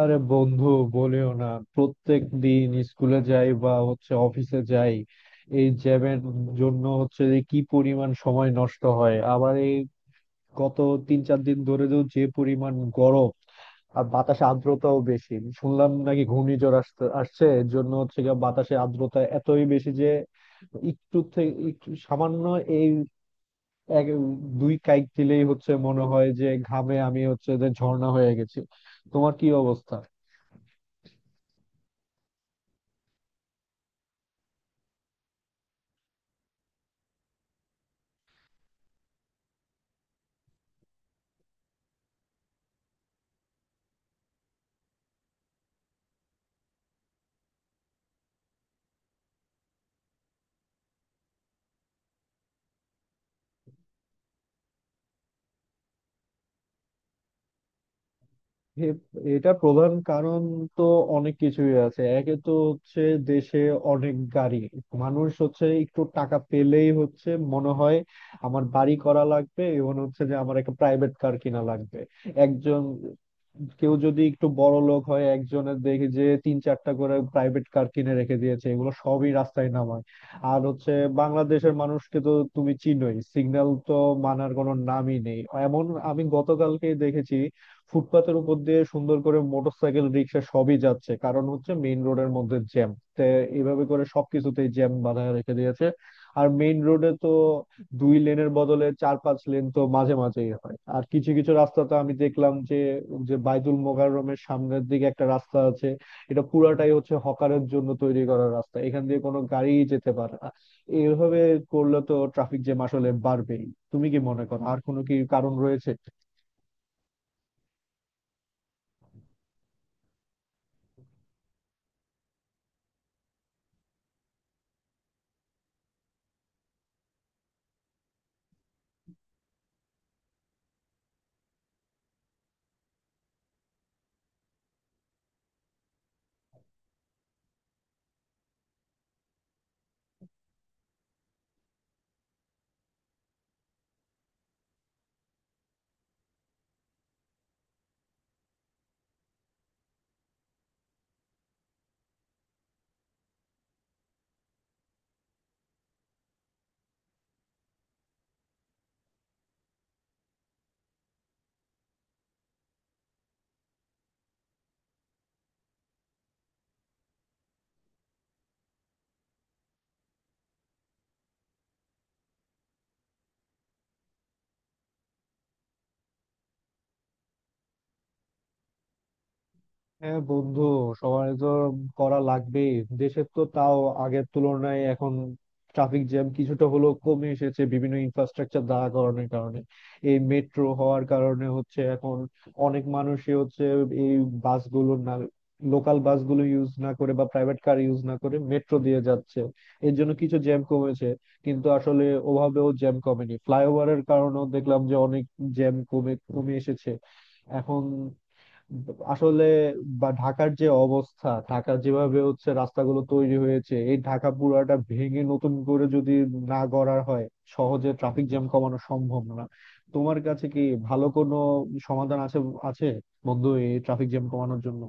আরে বন্ধু, বলিও না। প্রত্যেক দিন স্কুলে যাই বা হচ্ছে অফিসে যাই, এই জ্যামের জন্য হচ্ছে যে কি পরিমাণ সময় নষ্ট হয়। আবার এই গত 3-4 দিন ধরে তো যে পরিমাণ গরম, আর বাতাসে আর্দ্রতাও বেশি। শুনলাম নাকি ঘূর্ণিঝড় আসতে আসছে, এর জন্য হচ্ছে গিয়ে বাতাসে আর্দ্রতা এতই বেশি যে একটু থেকে একটু সামান্য এই এক দুই কাইক দিলেই হচ্ছে মনে হয় যে ঘামে আমি হচ্ছে যে ঝর্ণা হয়ে গেছি। তোমার কি অবস্থা? এ- এটা প্রধান কারণ তো অনেক কিছুই আছে। একে তো হচ্ছে দেশে অনেক গাড়ি, মানুষ হচ্ছে একটু টাকা পেলেই হচ্ছে মনে হয় আমার বাড়ি করা লাগবে এবং হচ্ছে যে আমার একটা প্রাইভেট কার কিনা লাগবে। একজন কেউ যদি একটু বড় লোক হয়, একজনের দেখি যে 3-4টা করে প্রাইভেট কার কিনে রেখে দিয়েছে, এগুলো সবই রাস্তায় নামায়। আর হচ্ছে বাংলাদেশের মানুষকে তো তুমি চিনোই, সিগন্যাল তো মানার কোনো নামই নেই। এমন আমি গতকালকে দেখেছি, ফুটপাতের উপর দিয়ে সুন্দর করে মোটরসাইকেল, রিক্সা সবই যাচ্ছে, কারণ হচ্ছে মেইন রোডের মধ্যে জ্যাম। এইভাবে করে সবকিছুতেই জ্যাম বাঁধায় রেখে দিয়েছে। আর মেইন রোডে তো 2 লেনের বদলে 4-5 লেন তো মাঝে মাঝেই হয়। আর কিছু কিছু রাস্তা তো আমি দেখলাম যে, যে বাইতুল মোকাররমের সামনের দিকে একটা রাস্তা আছে, এটা পুরাটাই হচ্ছে হকারের জন্য তৈরি করা রাস্তা, এখান দিয়ে কোনো গাড়ি যেতে পারে না। এইভাবে করলে তো ট্রাফিক জ্যাম আসলে বাড়বেই। তুমি কি মনে করো, আর কোনো কি কারণ রয়েছে? হ্যাঁ বন্ধু, সবার তো করা লাগবেই। দেশের তো তাও আগের তুলনায় এখন ট্রাফিক জ্যাম কিছুটা হলেও কমে এসেছে বিভিন্ন ইনফ্রাস্ট্রাকচার দাঁড়া করানোর কারণে। এই মেট্রো হওয়ার কারণে হচ্ছে এখন অনেক মানুষই হচ্ছে এই বাসগুলো না, লোকাল বাসগুলো ইউজ না করে বা প্রাইভেট কার ইউজ না করে মেট্রো দিয়ে যাচ্ছে, এর জন্য কিছু জ্যাম কমেছে। কিন্তু আসলে ওভাবেও জ্যাম কমেনি। ফ্লাইওভারের কারণেও দেখলাম যে অনেক জ্যাম কমে কমে এসেছে এখন। আসলে বা ঢাকার যে অবস্থা, ঢাকা যেভাবে হচ্ছে রাস্তাগুলো তৈরি হয়েছে, এই ঢাকা পুরাটা ভেঙে নতুন করে যদি না গড়া হয়, সহজে ট্রাফিক জ্যাম কমানো সম্ভব না। তোমার কাছে কি ভালো কোনো সমাধান আছে? আছে বন্ধু, এই ট্রাফিক জ্যাম কমানোর জন্য।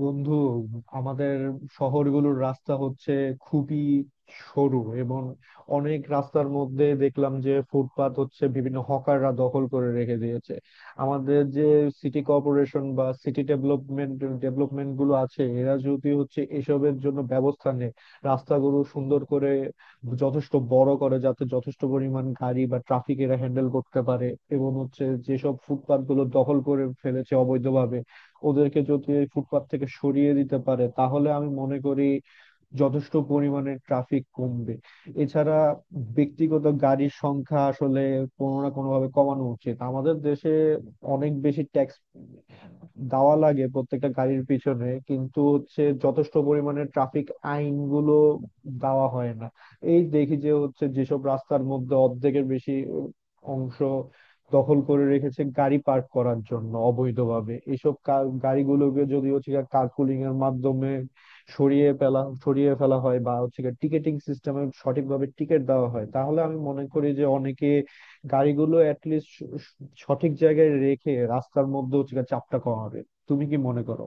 বন্ধু, আমাদের শহরগুলোর রাস্তা হচ্ছে খুবই সরু, এবং অনেক রাস্তার মধ্যে দেখলাম যে ফুটপাত হচ্ছে বিভিন্ন হকাররা দখল করে রেখে দিয়েছে। আমাদের যে সিটি কর্পোরেশন বা সিটি ডেভেলপমেন্ট ডেভেলপমেন্ট গুলো আছে এরা যদি হচ্ছে এসবের জন্য ব্যবস্থা নেয়, রাস্তাগুলো সুন্দর করে যথেষ্ট বড় করে যাতে যথেষ্ট পরিমাণ গাড়ি বা ট্রাফিক এরা হ্যান্ডেল করতে পারে, এবং হচ্ছে যেসব ফুটপাত গুলো দখল করে ফেলেছে অবৈধভাবে, ওদেরকে যদি এই ফুটপাত থেকে সরিয়ে দিতে পারে, তাহলে আমি মনে করি যথেষ্ট পরিমাণে ট্রাফিক কমবে। এছাড়া ব্যক্তিগত গাড়ির সংখ্যা আসলে কোনো না কোনো ভাবে কমানো উচিত। আমাদের দেশে অনেক বেশি ট্যাক্স দেওয়া লাগে প্রত্যেকটা গাড়ির পিছনে, কিন্তু হচ্ছে যথেষ্ট পরিমাণে ট্রাফিক আইন গুলো দেওয়া হয় না। এই দেখি যে হচ্ছে যেসব রাস্তার মধ্যে অর্ধেকের বেশি অংশ দখল করে রেখেছে গাড়ি পার্ক করার জন্য অবৈধভাবে, এইসব গাড়িগুলোকে যদি হচ্ছে কার্পুলিং এর মাধ্যমে সরিয়ে ফেলা হয় বা হচ্ছে টিকেটিং সিস্টেমে সঠিকভাবে টিকিট দেওয়া হয়, তাহলে আমি মনে করি যে অনেকে গাড়িগুলো অ্যাটলিস্ট সঠিক জায়গায় রেখে রাস্তার মধ্যে হচ্ছে গিয়ে চাপটা কমাবে। তুমি কি মনে করো?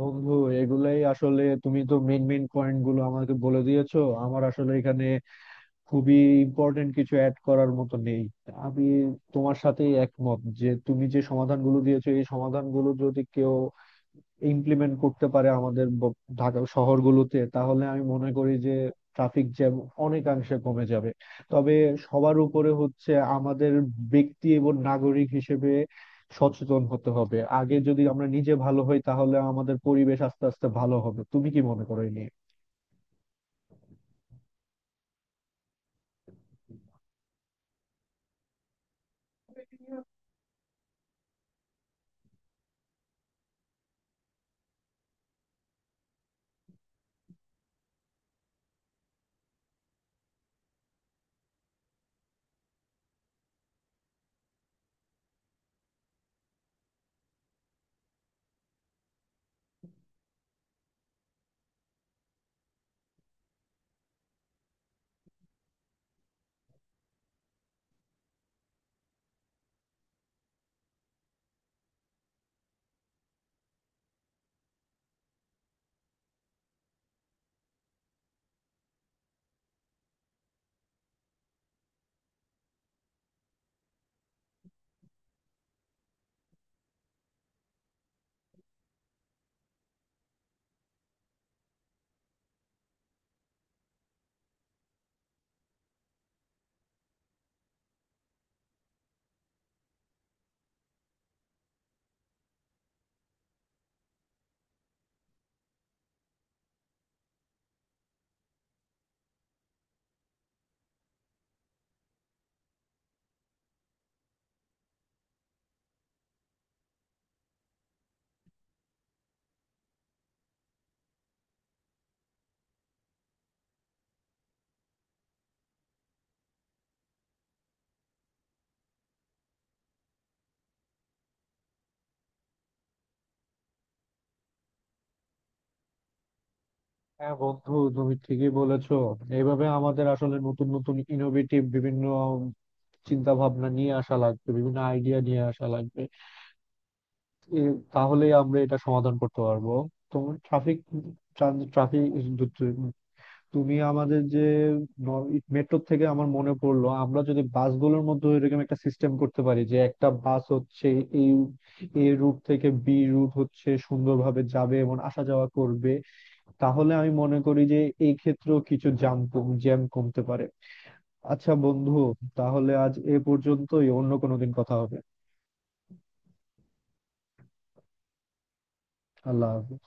বন্ধু, এগুলাই আসলে, তুমি তো মেন মেন পয়েন্ট গুলো আমাকে বলে দিয়েছো, আমার আসলে এখানে খুবই ইম্পর্টেন্ট কিছু অ্যাড করার মতো নেই। আমি তোমার সাথে একমত যে তুমি যে সমাধানগুলো দিয়েছো এই সমাধানগুলো যদি কেউ ইমপ্লিমেন্ট করতে পারে আমাদের ঢাকা শহরগুলোতে, তাহলে আমি মনে করি যে ট্রাফিক জ্যাম অনেকাংশে কমে যাবে। তবে সবার উপরে হচ্ছে আমাদের ব্যক্তি এবং নাগরিক হিসেবে সচেতন হতে হবে। আগে যদি আমরা নিজে ভালো হই, তাহলে আমাদের পরিবেশ আস্তে আস্তে ভালো হবে। তুমি কি মনে করো এই নিয়ে? হ্যাঁ বন্ধু, তুমি ঠিকই বলেছো। এইভাবে আমাদের আসলে নতুন নতুন ইনোভেটিভ বিভিন্ন চিন্তা ভাবনা নিয়ে আসা লাগবে, বিভিন্ন আইডিয়া নিয়ে আসা লাগবে, এ, তাহলে আমরা এটা সমাধান করতে পারবো। তোমার ট্রাফিক ট্রাফিক তুমি আমাদের যে মেট্রো থেকে আমার মনে পড়লো, আমরা যদি বাসগুলোর মধ্যে এরকম একটা সিস্টেম করতে পারি যে একটা বাস হচ্ছে এই এ রুট থেকে বি রুট হচ্ছে সুন্দরভাবে যাবে এবং আসা যাওয়া করবে, তাহলে আমি মনে করি যে এই ক্ষেত্রেও কিছু জ্যাম জ্যাম কমতে পারে। আচ্ছা বন্ধু, তাহলে আজ এ পর্যন্তই, অন্য কোনো দিন কথা হবে। আল্লাহ হাফেজ।